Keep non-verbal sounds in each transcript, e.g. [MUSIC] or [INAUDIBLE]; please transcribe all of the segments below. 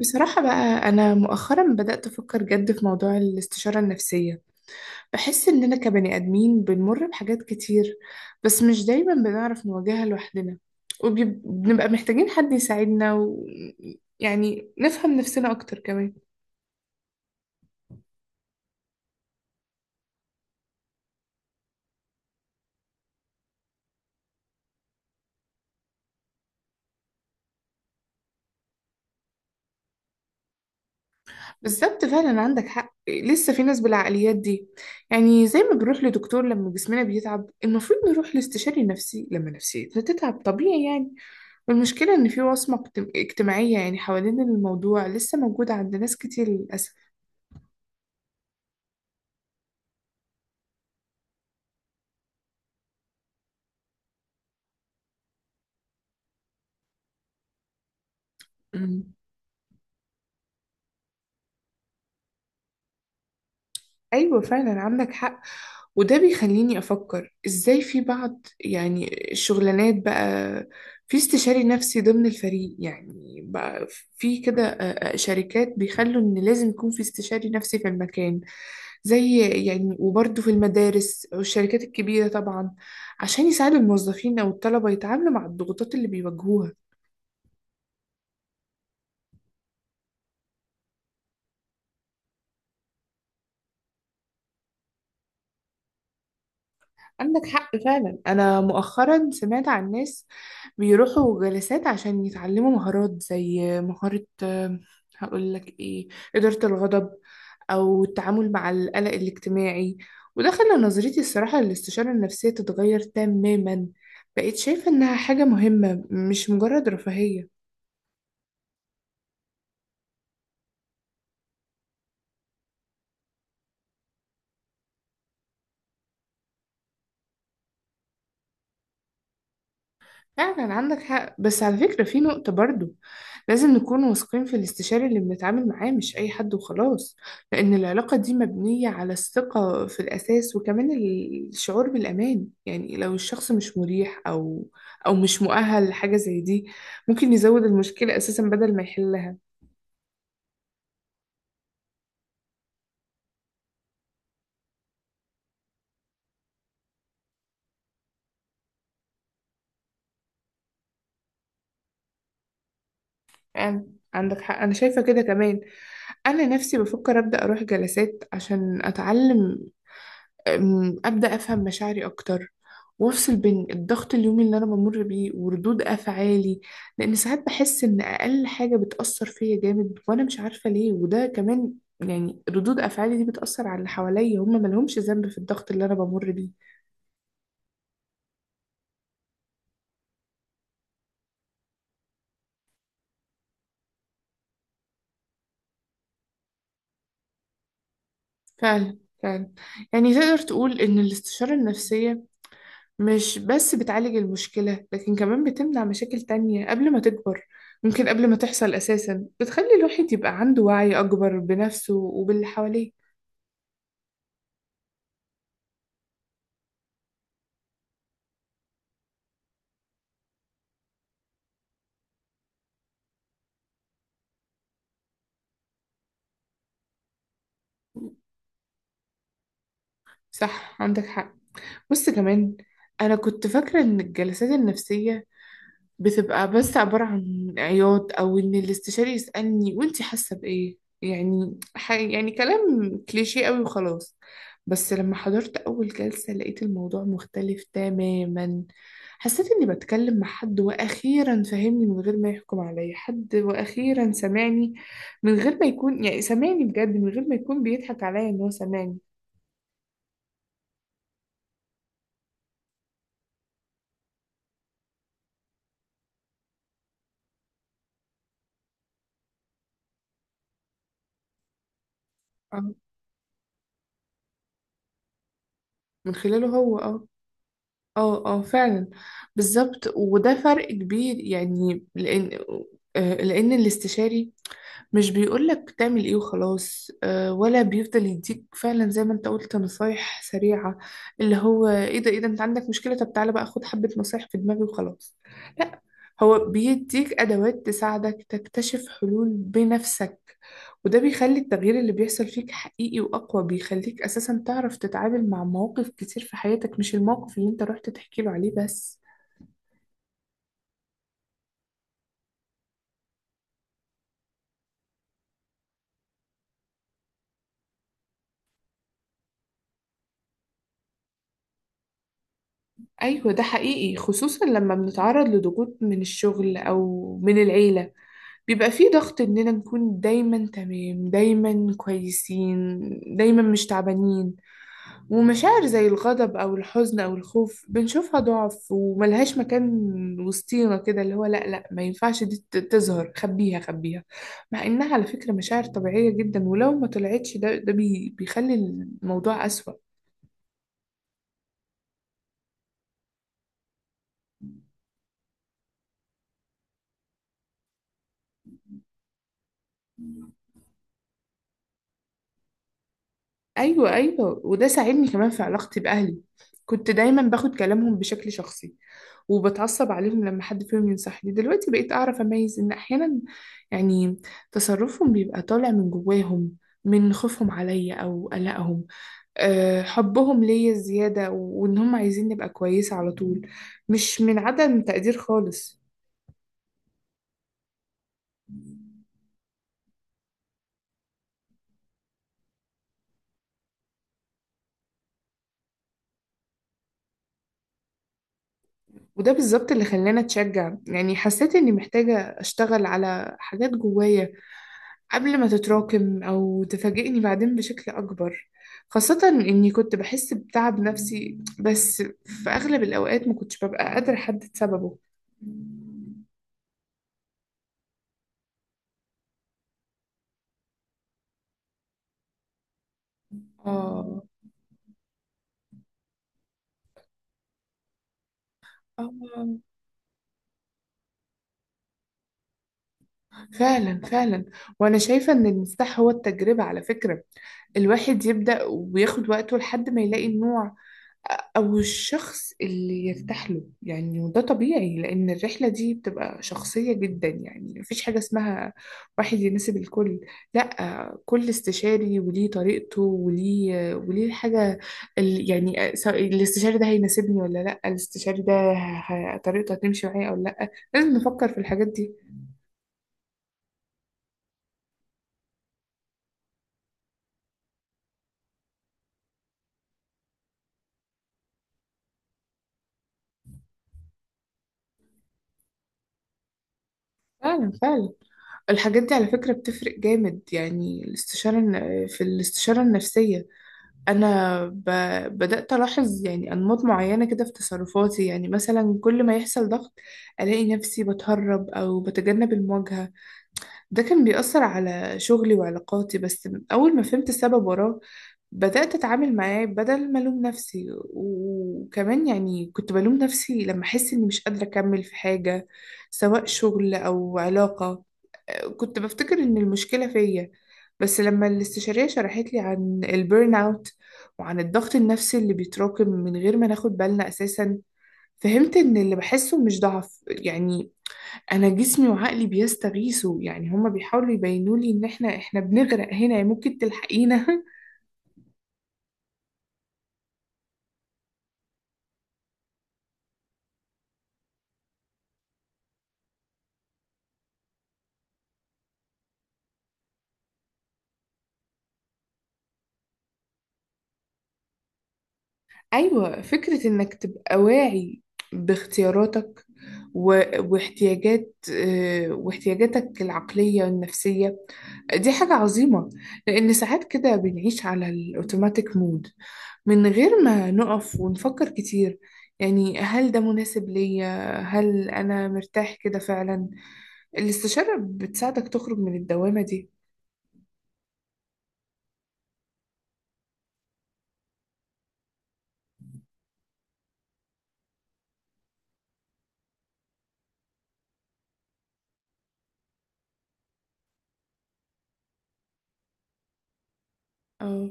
بصراحة بقى، أنا مؤخرا بدأت أفكر جد في موضوع الاستشارة النفسية. بحس إننا كبني آدمين بنمر بحاجات كتير، بس مش دايما بنعرف نواجهها لوحدنا، وبنبقى محتاجين حد يساعدنا يعني نفهم نفسنا أكتر كمان. بالظبط، فعلا عندك حق، لسه في ناس بالعقليات دي. يعني زي ما بنروح لدكتور لما جسمنا بيتعب، المفروض نروح لاستشاري نفسي لما نفسيتنا تتعب، طبيعي يعني. المشكلة إن في وصمة اجتماعية يعني حوالين الموضوع لسه موجودة عند ناس كتير للأسف. مم. أيوة، فعلا عندك حق. وده بيخليني أفكر إزاي في بعض يعني الشغلانات بقى، في استشاري نفسي ضمن الفريق يعني بقى، في كده شركات بيخلوا إن لازم يكون في استشاري نفسي في المكان، زي يعني. وبرضه في المدارس والشركات الكبيرة طبعا، عشان يساعدوا الموظفين أو الطلبة يتعاملوا مع الضغوطات اللي بيواجهوها. عندك حق فعلا. أنا مؤخرا سمعت عن ناس بيروحوا جلسات عشان يتعلموا مهارات، زي مهارة هقول لك إيه، إدارة الغضب، أو التعامل مع القلق الاجتماعي. وده خلى نظرتي الصراحة للاستشارة النفسية تتغير تماما. بقيت شايفة إنها حاجة مهمة، مش مجرد رفاهية. فعلا عندك حق. بس على فكرة في نقطة برضو، لازم نكون واثقين في الاستشاري اللي بنتعامل معاه، مش أي حد وخلاص. لأن العلاقة دي مبنية على الثقة في الأساس، وكمان الشعور بالأمان. يعني لو الشخص مش مريح، أو مش مؤهل لحاجة زي دي، ممكن يزود المشكلة أساسا بدل ما يحلها. يعني عندك حق، أنا شايفة كده كمان. أنا نفسي بفكر أبدأ أروح جلسات عشان أتعلم، أبدأ أفهم مشاعري أكتر، وأفصل بين الضغط اليومي اللي أنا بمر بيه وردود أفعالي. لأن ساعات بحس إن أقل حاجة بتأثر فيا جامد وأنا مش عارفة ليه. وده كمان يعني ردود أفعالي دي بتأثر على اللي حواليا، هم ملهمش ذنب في الضغط اللي أنا بمر بيه. فعلا فعلا. يعني تقدر تقول إن الاستشارة النفسية مش بس بتعالج المشكلة، لكن كمان بتمنع مشاكل تانية قبل ما تكبر، ممكن قبل ما تحصل أساسا. بتخلي الواحد يبقى عنده وعي أكبر بنفسه وباللي حواليه. صح، عندك حق. بص كمان، أنا كنت فاكرة إن الجلسات النفسية بتبقى بس عبارة عن عياط، أو إن الاستشاري يسألني وإنتي حاسة بإيه، يعني يعني كلام كليشيه قوي وخلاص. بس لما حضرت أول جلسة لقيت الموضوع مختلف تماما. حسيت إني بتكلم مع حد وأخيرا فهمني من غير ما يحكم عليا، حد وأخيرا سمعني من غير ما يكون، يعني سمعني بجد من غير ما يكون بيضحك عليا إن هو سمعني. آه، من خلاله هو اه اه، فعلا. بالظبط، وده فرق كبير يعني. لان لان الاستشاري مش بيقولك تعمل ايه وخلاص، ولا بيفضل يديك فعلا زي ما انت قلت نصايح سريعة. اللي هو ايه ده، ايه ده، انت عندك مشكلة؟ طب تعالى بقى خد حبة نصايح في دماغي وخلاص. لا، هو بيديك ادوات تساعدك تكتشف حلول بنفسك. وده بيخلي التغيير اللي بيحصل فيك حقيقي واقوى، بيخليك اساسا تعرف تتعامل مع مواقف كتير في حياتك، مش الموقف اللي انت رحت تحكي له عليه بس. ايوه، ده حقيقي، خصوصا لما بنتعرض لضغوط من الشغل او من العيلة، بيبقى فيه ضغط إننا نكون دايما تمام، دايما كويسين، دايما مش تعبانين. ومشاعر زي الغضب أو الحزن أو الخوف بنشوفها ضعف وملهاش مكان وسطينا كده، اللي هو لأ لأ ما ينفعش دي تظهر، خبيها خبيها. مع إنها على فكرة مشاعر طبيعية جدا، ولو ما طلعتش، ده ده بي بيخلي الموضوع أسوأ. أيوة أيوة، وده ساعدني كمان في علاقتي بأهلي. كنت دايما باخد كلامهم بشكل شخصي وبتعصب عليهم لما حد فيهم ينصحني. دلوقتي بقيت أعرف أميز إن أحيانا يعني تصرفهم بيبقى طالع من جواهم، من خوفهم عليا أو قلقهم، أه حبهم ليا زيادة، وإن هم عايزين نبقى كويسة على طول، مش من عدم تقدير خالص. وده بالظبط اللي خلاني أتشجع. يعني حسيت إني محتاجة أشتغل على حاجات جوايا قبل ما تتراكم أو تفاجئني بعدين بشكل أكبر، خاصة إني كنت بحس بتعب نفسي بس في أغلب الأوقات ما كنتش ببقى قادرة أحدد سببه. آه. آه. فعلا فعلا. وأنا شايفة إن المفتاح هو التجربة، على فكرة. الواحد يبدأ وياخد وقته لحد ما يلاقي النوع او الشخص اللي يرتاح له يعني. وده طبيعي لان الرحله دي بتبقى شخصيه جدا. يعني مفيش حاجه اسمها واحد يناسب الكل. لا، كل استشاري وليه طريقته، وليه الحاجه. يعني سواء الاستشاري ده هيناسبني ولا لا، الاستشاري ده طريقته هتمشي معايا او لا، لازم نفكر في الحاجات دي. فعلا فعلا. الحاجات دي على فكره بتفرق جامد، يعني الاستشاره في الاستشاره النفسيه انا بدات الاحظ يعني انماط معينه كده في تصرفاتي. يعني مثلا كل ما يحصل ضغط، الاقي نفسي بتهرب او بتجنب المواجهه. ده كان بيأثر على شغلي وعلاقاتي، بس اول ما فهمت السبب وراه بدات اتعامل معاه بدل ما الوم نفسي. وكمان يعني كنت بلوم نفسي لما احس اني مش قادره اكمل في حاجه، سواء شغل او علاقه. كنت بفتكر ان المشكلة فيا. بس لما الاستشارية شرحت لي عن البيرن اوت، وعن الضغط النفسي اللي بيتراكم من غير ما ناخد بالنا اساسا، فهمت ان اللي بحسه مش ضعف يعني. انا جسمي وعقلي بيستغيثوا، يعني هما بيحاولوا يبينوا لي ان احنا بنغرق هنا، يعني ممكن تلحقينا. [LAUGHS] أيوة، فكرة إنك تبقى واعي باختياراتك واحتياجات، واحتياجاتك العقلية والنفسية، دي حاجة عظيمة. لأن ساعات كده بنعيش على الأوتوماتيك مود، من غير ما نقف ونفكر كتير، يعني هل ده مناسب ليا، هل أنا مرتاح كده فعلا. الاستشارة بتساعدك تخرج من الدوامة دي. اه،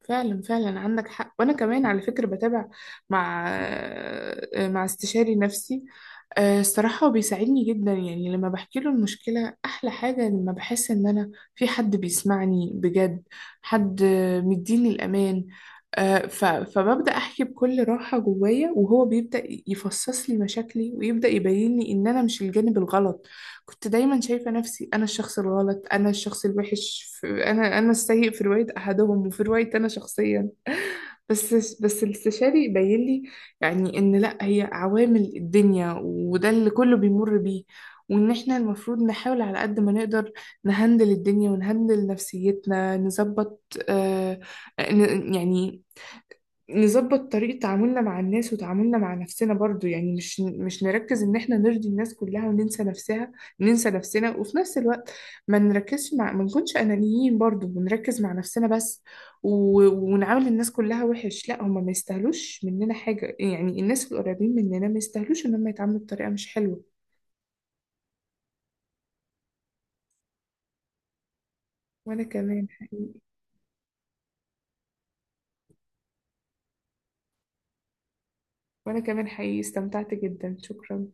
فعلا فعلا عندك حق. وانا كمان على فكره بتابع مع استشاري نفسي. الصراحه هو بيساعدني جدا. يعني لما بحكي له المشكله، احلى حاجه لما بحس ان انا في حد بيسمعني بجد، حد مديني الامان. فببدا احكي بكل راحه جوايا، وهو بيبدا يفصص لي مشاكلي ويبدا يبين لي ان انا مش الجانب الغلط. كنت دايما شايفة نفسي أنا الشخص الغلط، أنا الشخص الوحش في، أنا السيء في رواية أحدهم وفي رواية أنا شخصيا. بس بس الاستشاري بين لي يعني إن لأ، هي عوامل الدنيا وده اللي كله بيمر بيه. وإن إحنا المفروض نحاول على قد ما نقدر نهندل الدنيا ونهندل نفسيتنا، نظبط آه يعني نظبط طريقة تعاملنا مع الناس وتعاملنا مع نفسنا برضو. يعني مش نركز ان احنا نرضي الناس كلها وننسى نفسها، ننسى نفسنا، وفي نفس الوقت ما نركزش مع ما نكونش انانيين برضو ونركز مع نفسنا بس و... ونعامل الناس كلها وحش. لا، هما ما يستاهلوش مننا حاجة يعني، الناس القريبين مننا ما يستاهلوش ان هم يتعاملوا بطريقة مش حلوة. وانا كمان حقيقي وانا كمان حقيقي استمتعت جدا، شكرا.